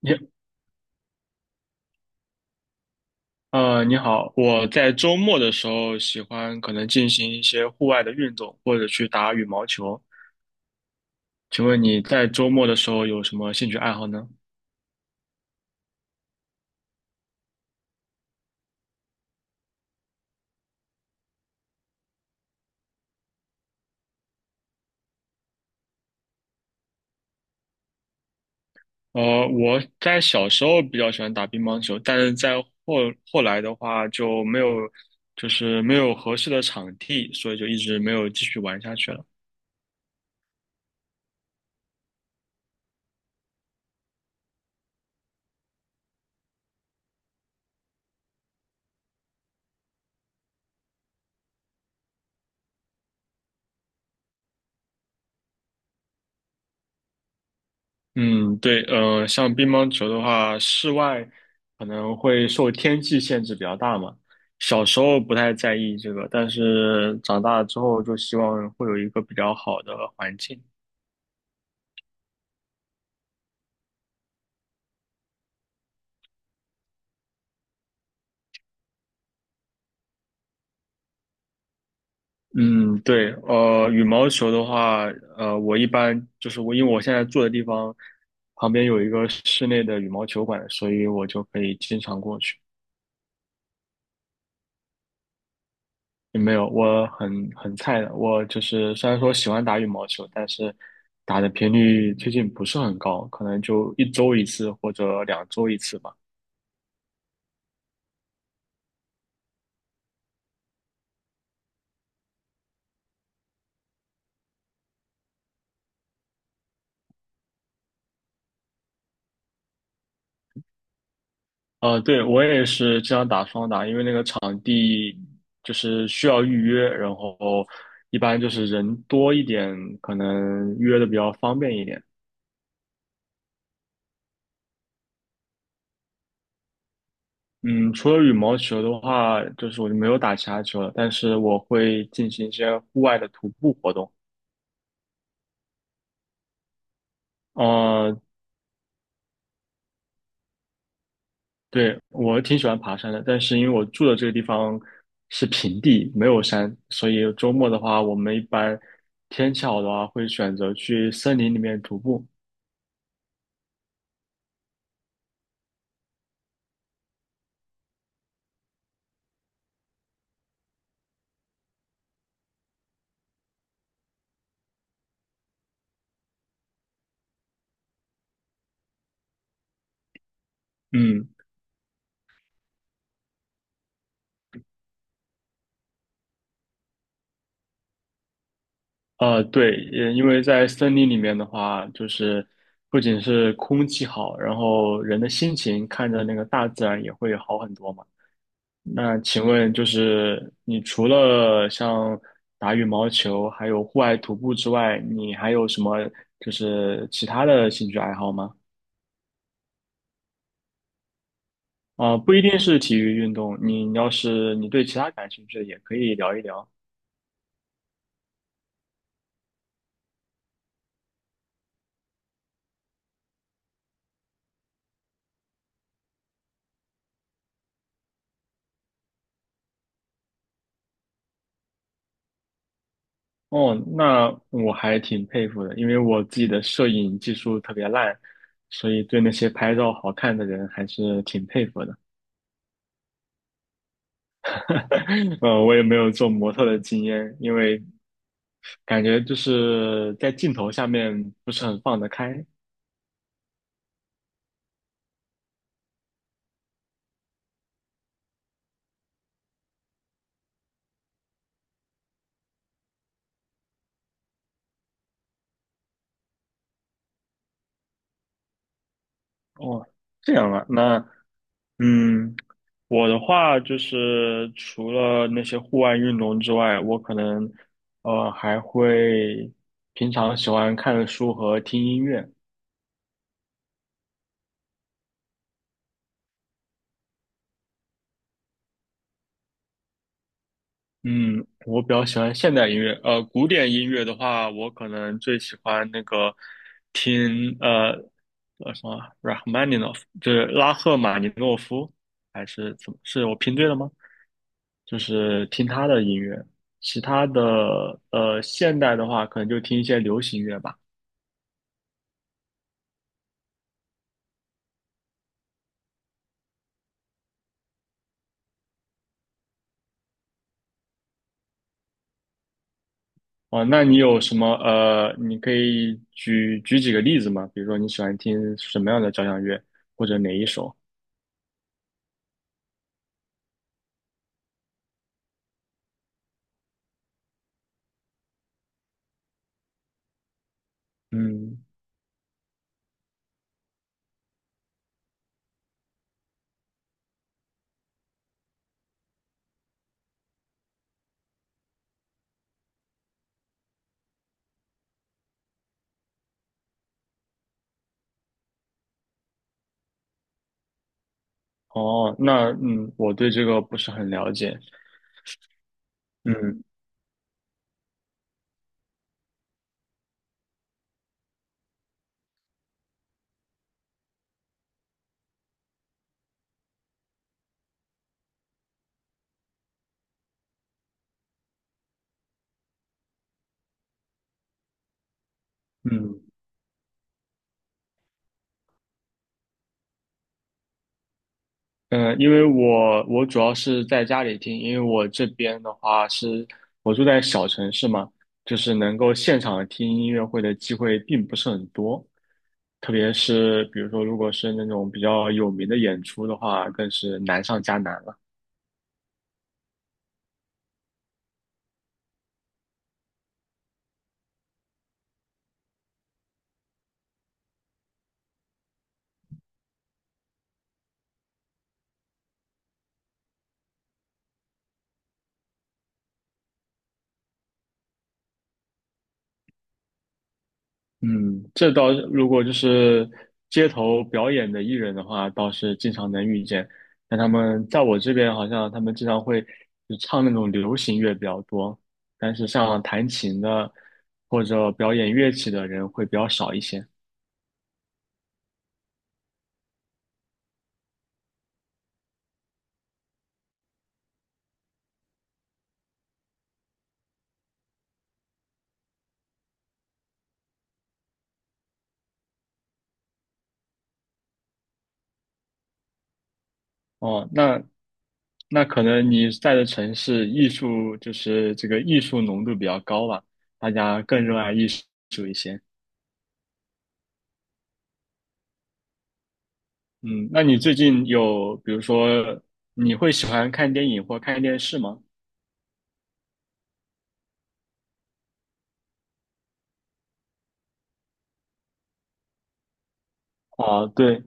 你你好，我在周末的时候喜欢可能进行一些户外的运动，或者去打羽毛球。请问你在周末的时候有什么兴趣爱好呢？我在小时候比较喜欢打乒乓球，但是在后来的话就没有，就是没有合适的场地，所以就一直没有继续玩下去了。嗯，对，像乒乓球的话，室外可能会受天气限制比较大嘛。小时候不太在意这个，但是长大之后就希望会有一个比较好的环境。嗯，对，羽毛球的话，我一般就是我，因为我现在住的地方旁边有一个室内的羽毛球馆，所以我就可以经常过去。也没有，我很菜的。我就是虽然说喜欢打羽毛球，但是打的频率最近不是很高，可能就一周一次或者两周一次吧。对，我也是经常打双打，因为那个场地就是需要预约，然后一般就是人多一点，可能约的比较方便一点。嗯，除了羽毛球的话，就是我就没有打其他球了，但是我会进行一些户外的徒步活动。呃对，我挺喜欢爬山的，但是因为我住的这个地方是平地，没有山，所以周末的话，我们一般天气好的话，会选择去森林里面徒步。嗯，对，也因为在森林里面的话，就是不仅是空气好，然后人的心情看着那个大自然也会好很多嘛。那请问，就是你除了像打羽毛球，还有户外徒步之外，你还有什么就是其他的兴趣爱好吗？啊、不一定是体育运动，你要是你对其他感兴趣的，也可以聊一聊。哦，那我还挺佩服的，因为我自己的摄影技术特别烂，所以对那些拍照好看的人还是挺佩服的。我也没有做模特的经验，因为感觉就是在镜头下面不是很放得开。哦，这样啊，那嗯，我的话就是除了那些户外运动之外，我可能还会平常喜欢看书和听音乐。嗯，我比较喜欢现代音乐。古典音乐的话，我可能最喜欢那个听呃呃什么 Rachmaninoff，就是拉赫玛尼诺夫，还是怎么？是我拼对了吗？就是听他的音乐。其他的现代的话，可能就听一些流行乐吧。哦，那你有什么你可以举举几个例子吗？比如说你喜欢听什么样的交响乐，或者哪一首？嗯，哦，那嗯，我对这个不是很了解。嗯嗯，嗯，因为我主要是在家里听，因为我这边的话是我住在小城市嘛，就是能够现场听音乐会的机会并不是很多，特别是比如说如果是那种比较有名的演出的话，更是难上加难了。嗯，这倒是如果就是街头表演的艺人的话，倒是经常能遇见。但他们在我这边，好像他们经常会就唱那种流行乐比较多，但是像弹琴的或者表演乐器的人会比较少一些。哦，那可能你在的城市艺术就是这个艺术浓度比较高吧，大家更热爱艺术一些。嗯，那你最近有，比如说，你会喜欢看电影或看电视吗？啊，对，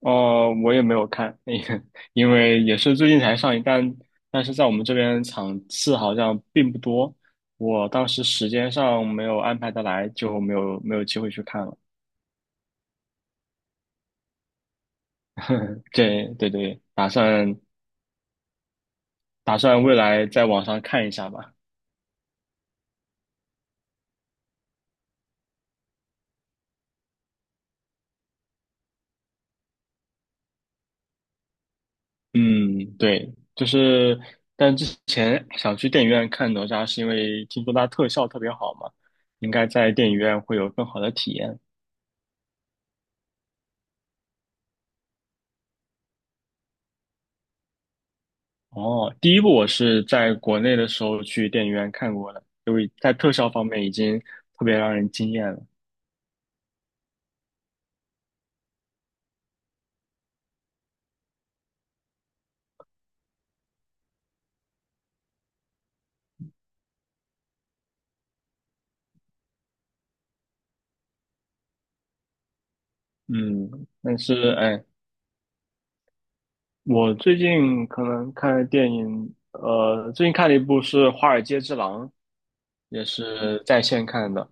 我也没有看，因为也是最近才上映，但是在我们这边场次好像并不多，我当时时间上没有安排得来，就没有机会去看了。对对对，打算未来在网上看一下吧。嗯，对，就是，但之前想去电影院看哪吒，是因为听说它特效特别好嘛，应该在电影院会有更好的体验。哦，第一部我是在国内的时候去电影院看过的，因为在特效方面已经特别让人惊艳了。嗯，但是哎，我最近可能看的电影，最近看了一部是《华尔街之狼》，也是在线看的。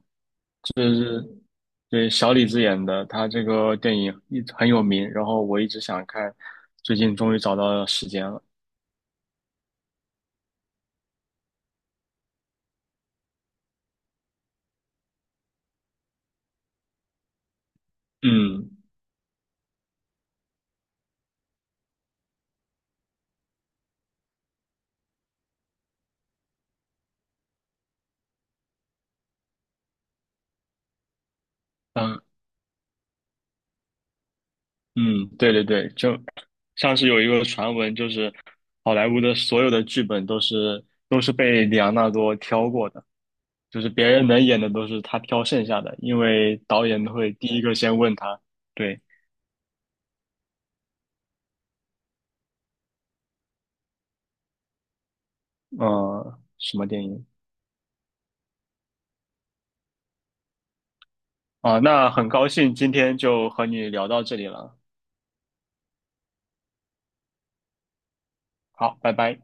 就是对小李子演的，他这个电影一直很有名，然后我一直想看，最近终于找到了时间了。嗯嗯嗯，对对对，就像是有一个传闻，就是好莱坞的所有的剧本都是被里昂纳多挑过的，就是别人能演的都是他挑剩下的，因为导演会第一个先问他，对，什么电影啊？那很高兴今天就和你聊到这里了，好，拜拜。